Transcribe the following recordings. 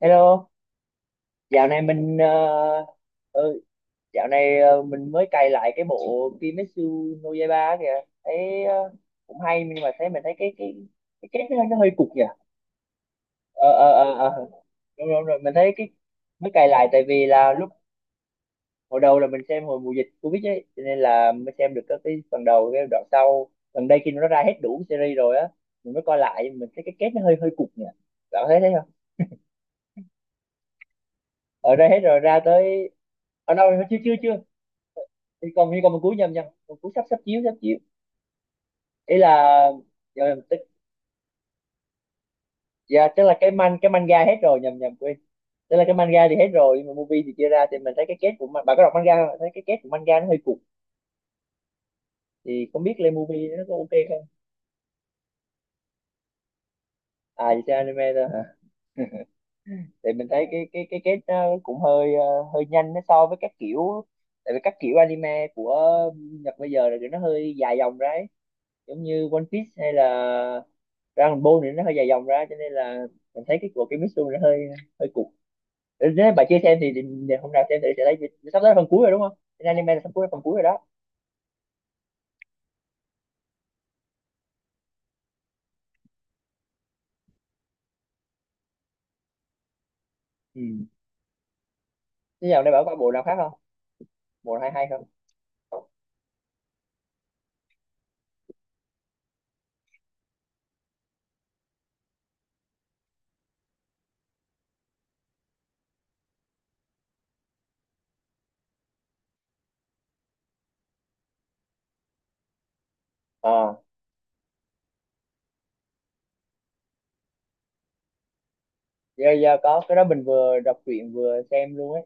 Hello, dạo này mình ừ, dạo này mình mới cày lại cái bộ Kimetsu no Yaiba á kìa. Thấy cũng hay, nhưng mà mình thấy cái kết nó hơi cục nhỉ. Ờ, ờ, ờ, ờ. Đúng rồi, mình thấy mới cày lại tại vì là lúc hồi đầu là mình xem hồi mùa dịch Covid ấy, cho nên là mới xem được các cái phần đầu, cái đoạn sau. Gần đây khi nó ra hết đủ series rồi á, mình mới coi lại mình thấy cái kết nó hơi hơi cục nhỉ. Bạn có thấy thế không? Ở đây hết rồi, ra tới ở đâu? Chưa, chưa, chưa, thì còn như còn một cuối, nhầm nhầm, một cuối sắp sắp chiếu, ý là. dạ, tức, dạ tức là cái manga hết rồi, nhầm nhầm quên, tức là cái manga thì hết rồi nhưng mà movie thì chưa ra, thì mình thấy cái kết bạn có đọc manga không? Thấy cái kết của manga nó hơi cục, thì không biết lên movie nó có ok không. À, chỉ xem anime thôi hả? Thì mình thấy cái kết nó cũng hơi hơi nhanh nó so với các kiểu, tại vì các kiểu anime của Nhật bây giờ là kiểu nó hơi dài dòng ra ấy, giống như One Piece hay là Dragon Ball thì nó hơi dài dòng ra, cho nên là mình thấy cái của cái Mitsu nó hơi hơi cục. Nếu bà chưa xem thì, hôm nào xem thử sẽ thấy. Sắp tới là phần cuối rồi đúng không? Thì anime là sắp cuối phần cuối rồi đó. Ừ. Thế giờ đây bảo có bộ nào khác không, bộ nào hay hay không? ờ giờ có cái đó mình vừa đọc truyện vừa xem luôn ấy.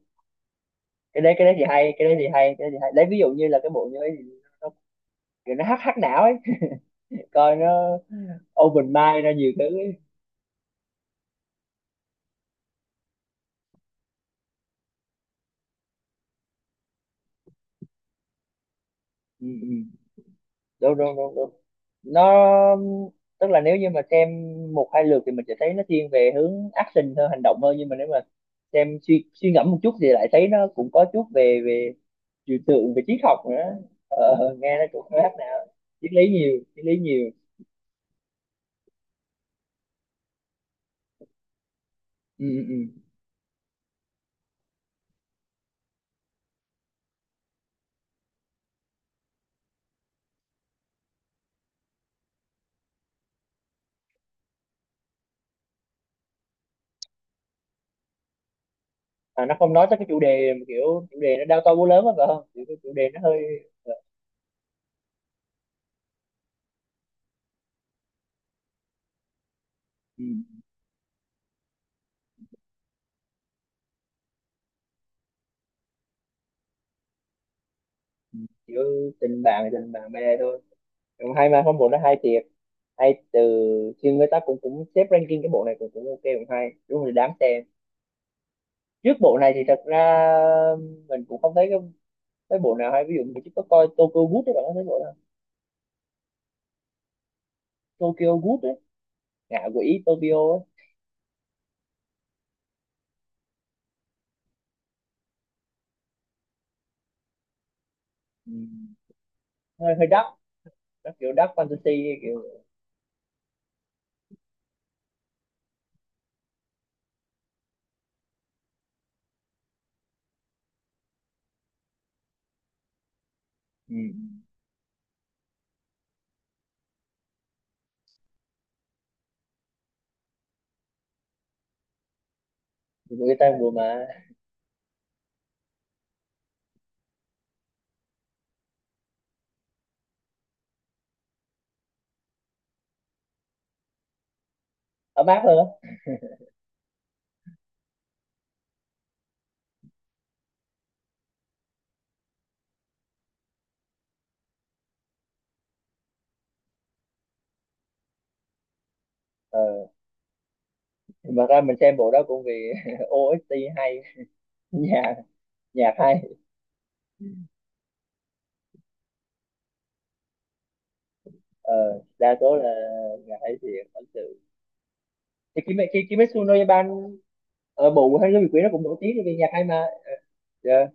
Cái đấy thì hay, lấy ví dụ như là cái bộ như ấy thì nó, nó hắc hắc não ấy. Coi nó open mind ra nhiều thứ ấy. Ừ, ừ. Đúng, đúng, đúng, đúng. nó tức là nếu như mà xem một hai lượt thì mình sẽ thấy nó thiên về hướng action hơn, hành động hơn, nhưng mà nếu mà xem suy suy ngẫm một chút thì lại thấy nó cũng có chút về về trừu tượng, về triết học nữa. Nghe nó cũng khác nào. Triết lý nhiều. Ừ, ừ. Ừ. À, nó không nói tới cái chủ đề mà kiểu chủ đề nó đao to búa lớn á phải không, kiểu cái chủ đề nó hơi ờ, ừ. Ừ. Kiểu tình bạn bè thôi. Ừ, hay mà, không bộ nó hay thiệt, hay từ, thì người ta cũng cũng xếp ranking cái bộ này, cũng cũng ok, cũng hay, đúng là đáng xem. Trước bộ này thì thật ra mình cũng không thấy cái bộ nào hay, ví dụ mình chỉ có coi Tokyo Ghoul đấy. Bạn có thấy bộ nào? Tokyo Ghoul đấy, ngạ quỷ Tokyo ấy. Ừ. Hơi hơi dark, nó kiểu dark fantasy kiểu. Ừ. Ừ. Người ta vừa mà ấm áp hơn á. Ờ, mà ra mình xem bộ đó cũng vì OST hay, nhà nhạc hay. ờ đa số là nhạc hay thiệt, ok. Thì Kimetsu no Yaiban, ở bộ hay cái quỷ nó cũng nổi tiếng về nhạc hay mà. Dạ.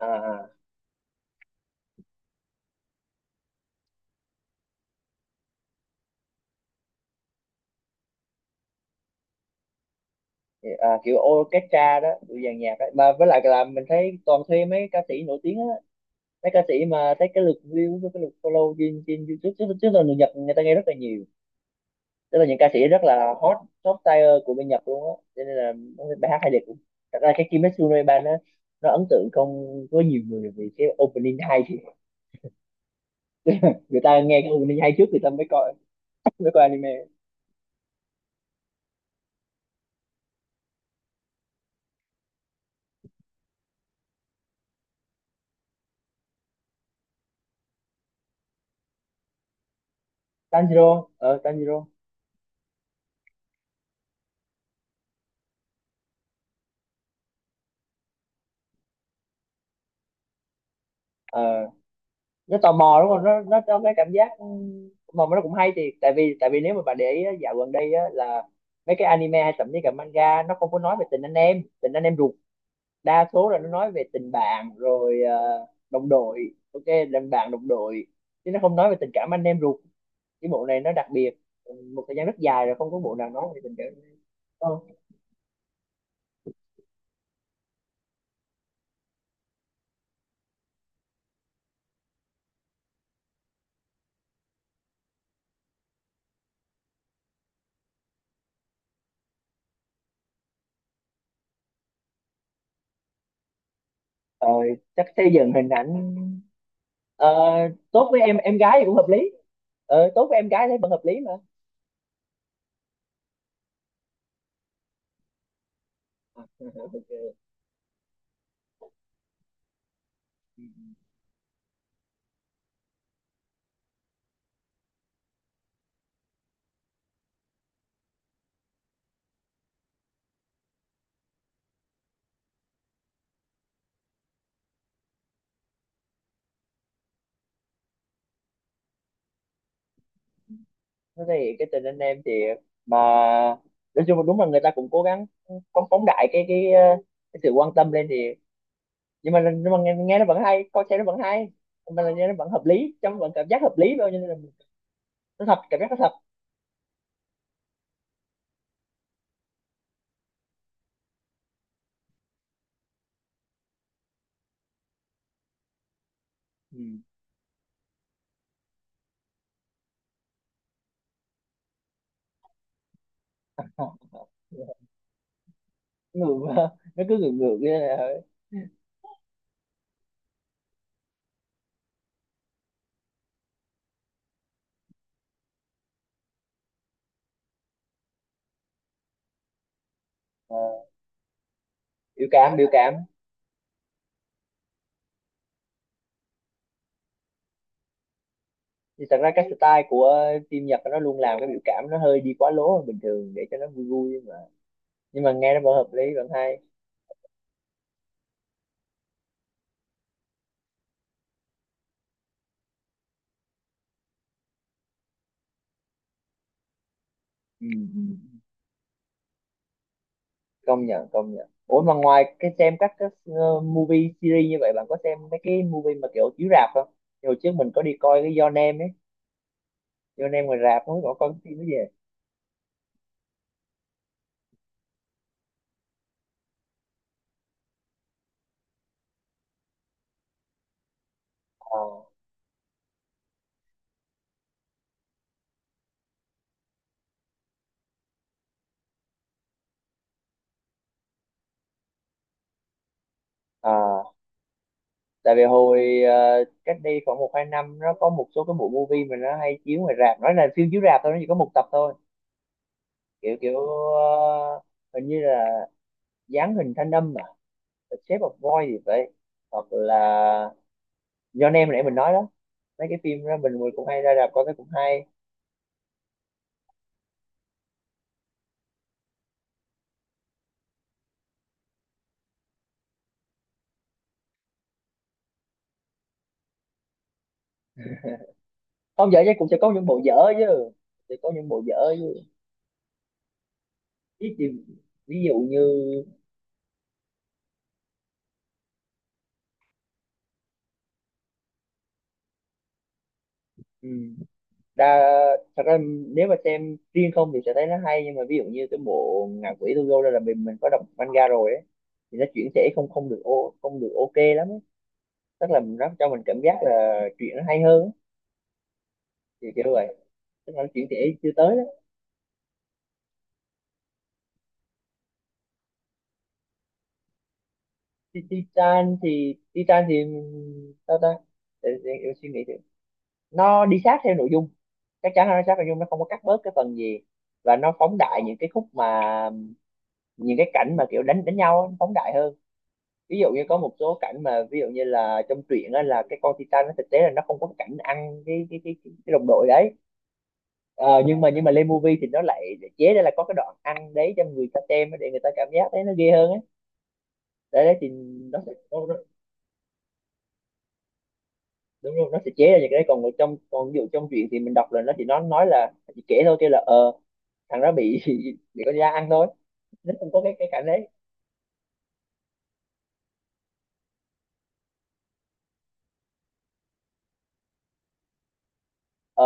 À, à, à, kiểu orchestra đó, kiểu dàn nhạc đó. Mà với lại là mình thấy toàn thuê mấy ca sĩ nổi tiếng á, mấy ca sĩ mà thấy cái lượt view với cái lượt follow trên trên YouTube, chứ chứ là người Nhật người ta nghe rất là nhiều, tức là những ca sĩ rất là hot, top tier của bên Nhật luôn á, cho nên là bài hát hay đẹp. Thật ra cái Kimetsu no Yaiban á, nó ấn tượng không có nhiều người vì cái opening hay, thì người ta nghe cái opening hay trước, người ta mới coi anime. Tanjiro. ờ nó tò mò đúng không, nó có cái cảm giác ừ, mà nó cũng hay, thì tại vì nếu mà bạn để ý á, dạo gần đây á, là mấy cái anime hay thậm chí cả manga nó không có nói về tình anh em ruột. Đa số là nó nói về tình bạn rồi đồng đội, ok, tình bạn đồng đội, chứ nó không nói về tình cảm anh em ruột. Cái bộ này nó đặc biệt, một thời gian rất dài rồi không có bộ nào nói về tình cảm. ờ, ờ, chắc xây dựng hình ảnh. Ờ, tốt với em gái thì cũng hợp lý. Ờ, tốt với em gái thấy vẫn hợp lý mà. Ok. Thế thì cái tình anh em thì, mà nói chung là đúng là người ta cũng cố gắng phóng phóng đại cái cái sự quan tâm lên thì, nhưng mà nghe nó vẫn hay, coi xem nó vẫn hay, nhưng mà là nghe nó vẫn hợp lý, trong vẫn cảm giác hợp lý thôi, cho nên là nó thật, cảm giác nó thật. Ừ. Ngược, nó cứ ngược ngược như là ờ, biểu cảm. Thì thật ra cái style của phim Nhật nó luôn làm cái biểu cảm nó hơi đi quá lố hơn bình thường để cho nó vui vui mà, nhưng mà nghe nó vẫn hợp lý vẫn hay. Ừ, ừ. Công nhận, công nhận. Ủa mà ngoài cái xem các cái movie series như vậy, bạn có xem mấy cái movie mà kiểu chiếu rạp không? Thì hồi trước mình có đi coi cái Your Name ấy, Your Name ngoài rạp, không biết bạn có coi cái phim đó gì. À, à, tại vì hồi cách đây khoảng một hai năm nó có một số cái bộ movie mà nó hay chiếu ngoài rạp, nói là phim chiếu rạp thôi nó chỉ có một tập thôi. Kiểu kiểu hình như là dáng hình thanh âm mà, The Shape of Boy thì vậy, hoặc là do nem nãy mình nói đó. Mấy cái phim đó mình cũng hay ra rạp coi, cái cũng hay. Không dở chứ, cũng sẽ có những bộ dở chứ, sẽ có những bộ dở chứ. ví dụ, ví dụ như ừ, đa thật ra nếu mà xem riêng không thì sẽ thấy nó hay, nhưng mà ví dụ như cái bộ ngạ quỷ Tugo đây là mình có đọc manga rồi ấy, thì nó chuyển thể không không được, không được ok lắm ấy, tức là nó cho mình cảm giác là chuyện nó hay hơn ấy. Thì kiểu vậy, tức là nó chuyển thể chưa tới. Titan thì, sao ta. Để em suy nghĩ thử. Nó đi sát theo nội dung, chắc chắn là nó sát nội dung, nó không có cắt bớt cái phần gì, và nó phóng đại những cái khúc mà, những cái cảnh mà kiểu đánh đánh nhau á, nó phóng đại hơn. Ví dụ như có một số cảnh mà ví dụ như là trong truyện á, là cái con Titan nó thực tế là nó không có cảnh ăn cái đồng đội đấy. Ờ, nhưng mà lên movie thì nó lại lại chế ra là có cái đoạn ăn đấy cho người ta xem á, để người ta cảm giác thấy nó ghê hơn ấy. Đấy, đấy thì nó, đúng rồi nó sẽ chế ra những cái đấy. Còn ở trong, còn ví dụ trong chuyện thì mình đọc là nó chỉ, nó nói là chỉ kể thôi, kêu là thằng đó bị bị con da ăn thôi, nó không có cái cảnh đấy. ờ,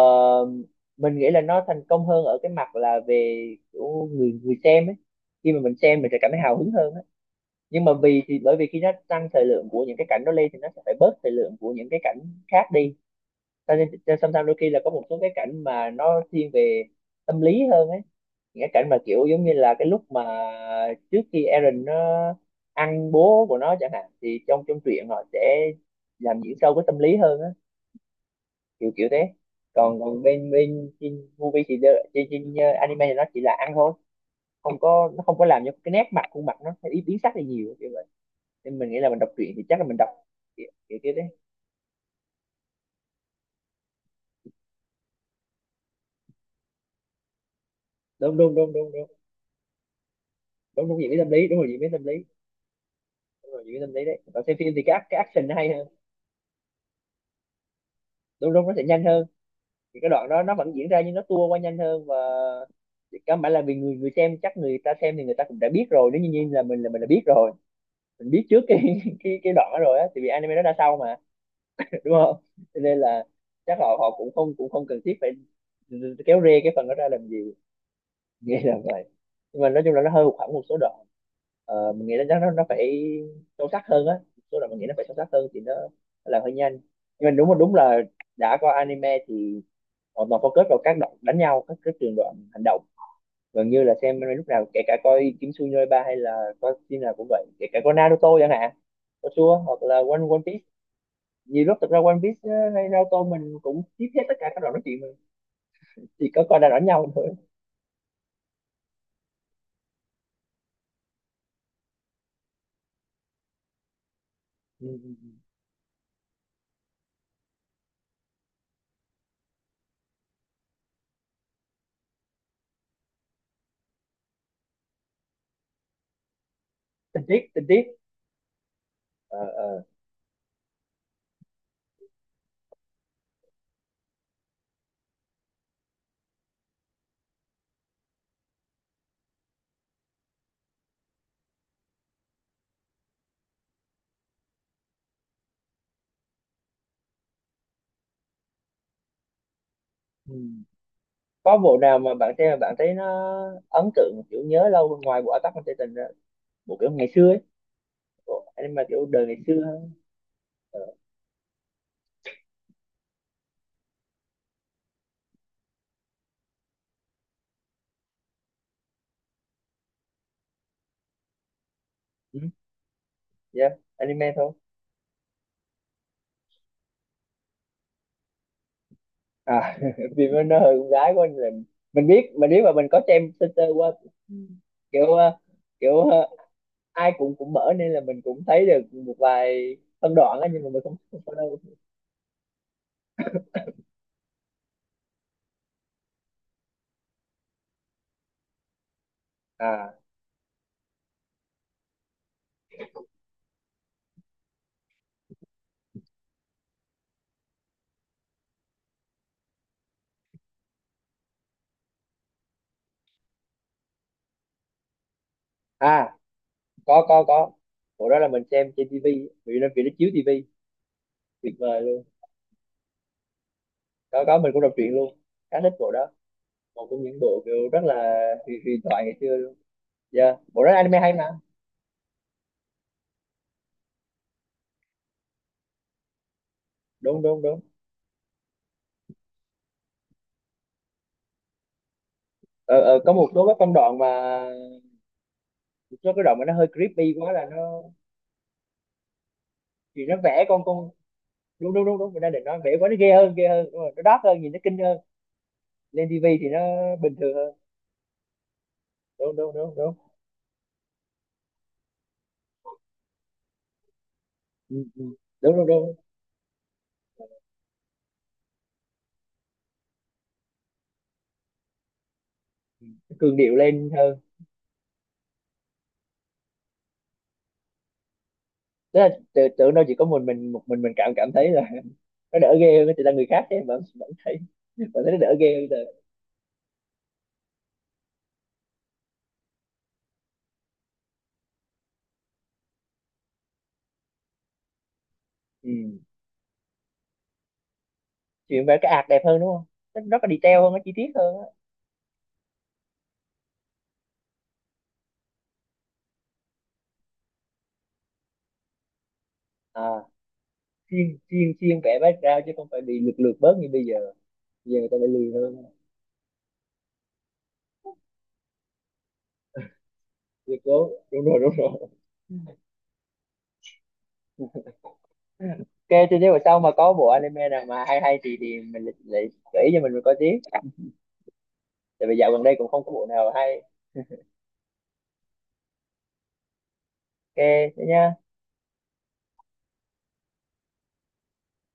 mình nghĩ là nó thành công hơn ở cái mặt là về kiểu người người xem ấy, khi mà mình xem mình sẽ cảm thấy hào hứng hơn ấy. Nhưng mà vì thì bởi vì khi nó tăng thời lượng của những cái cảnh đó lên thì nó sẽ phải bớt thời lượng của những cái cảnh khác đi, cho nên cho sometimes đôi khi là có một số cái cảnh mà nó thiên về tâm lý hơn ấy. Những cái cảnh mà kiểu giống như là cái lúc mà trước khi Aaron nó ăn bố của nó chẳng hạn thì trong trong truyện họ sẽ làm diễn sâu cái tâm lý hơn á, kiểu kiểu thế. Còn còn bên bên trên movie thì trên trên anime thì nó chỉ là ăn thôi, không có, nó không có làm cho cái nét mặt khuôn mặt nó biến biến sắc đi nhiều kiểu vậy. Nên mình nghĩ là mình đọc truyện thì chắc là mình đọc kiểu kiểu thế đấy. Đúng đúng đúng đúng đúng. Đúng đúng diễn biến tâm lý, đúng rồi, diễn biến tâm lý. Đúng rồi, những cái tâm lý đấy, còn xem phim thì cái cái action nó hay hơn. Đúng đúng, nó sẽ nhanh hơn, thì cái đoạn đó nó vẫn diễn ra nhưng nó tua qua nhanh hơn. Và thì căn bản là vì người người xem chắc người ta xem thì người ta cũng đã biết rồi, nếu như như là mình đã biết rồi, mình biết trước cái cái đoạn đó rồi á, thì vì anime nó ra sau mà, đúng không? Cho nên là chắc họ họ cũng không, cũng không cần thiết phải kéo rê cái phần đó ra làm gì, nghĩ là vậy. Nhưng mà nói chung là nó hơi hụt hẫng một số đoạn. Ờ, mình nghĩ là chắc nó phải sâu sắc hơn á, một số đoạn mình nghĩ nó phải sâu sắc hơn thì nó làm hơi nhanh. Nhưng mà đúng là đã coi anime thì họ toàn focus vào các đoạn đánh nhau, các cái trường đoạn hành động. Gần như là xem anime lúc nào, kể cả coi Kimetsu no Yaiba hay là coi phim nào cũng vậy, kể cả coi Naruto chẳng hạn, coi Sua hoặc là One Piece. Nhiều lúc thực ra One Piece, ờ, hay Naruto mình cũng tiếp hết tất cả các đoạn nói chuyện mà, chỉ có coi là đánh nhau thôi. Ừ, ừ, ừ. Tình tiết, tình tiết. Ờ ờ. Ừ. Có bộ nào mà bạn xem mà bạn thấy nó ấn tượng kiểu nhớ lâu ngoài bộ Attack on Titan ra? Bộ kiểu ngày xưa ấy, bộ anime kiểu đời ngày xưa hơn. Ờ. Ừ, yeah, anime thôi. À, vì nó hơi con gái của anh, là mình biết, mình biết mà, mình có xem sơ sơ qua kiểu ờ, kiểu ờ, ai cũng cũng mở nên là mình cũng thấy được một vài phân đoạn á, nhưng mà mình không không có đâu. À. À, có có. Bộ đó là mình xem trên tivi vì nó chiếu tivi. Tuyệt vời luôn. Có, mình cũng đọc truyện luôn, khá thích bộ đó, một trong những bộ kiểu rất là huyền huyền thoại ngày xưa luôn. Dạ, bộ rất anime hay mà. Đúng đúng đúng. Ờ, ờ, có một số các phân đoạn mà, một số cái đoạn mà nó hơi creepy quá là nó, thì nó vẽ con, đúng đúng đúng đúng, mình đang định nói vẽ quá nó ghê hơn, ghê hơn, đúng rồi, nó dark hơn, nhìn nó kinh hơn. Lên tivi thì nó bình thường hơn. Đúng đúng đúng đúng. Ừ, ừ. Đúng đúng đúng, cường điệu lên hơn. Tức là tưởng đâu chỉ có mình một mình cảm cảm thấy là nó đỡ ghê hơn, thì là người khác ấy, vẫn vẫn thấy, vẫn thấy nó đỡ ghê hơn rồi. Ừ. Chuyện vẽ cái ạt đẹp hơn đúng không, nó rất là detail hơn, nó chi tiết hơn á. À, chuyên chuyên chuyên vẽ background chứ không phải bị lược lược bớt như bây giờ, bây giờ người ta phải lười hơn. Lười cố, đúng rồi, đúng rồi. OK, thì nếu mà sau mà có bộ anime nào mà hay hay thì mình lại lại gợi ý cho mình coi tiếp, tại vì dạo gần đây cũng không có bộ nào hay. OK, thế nhá.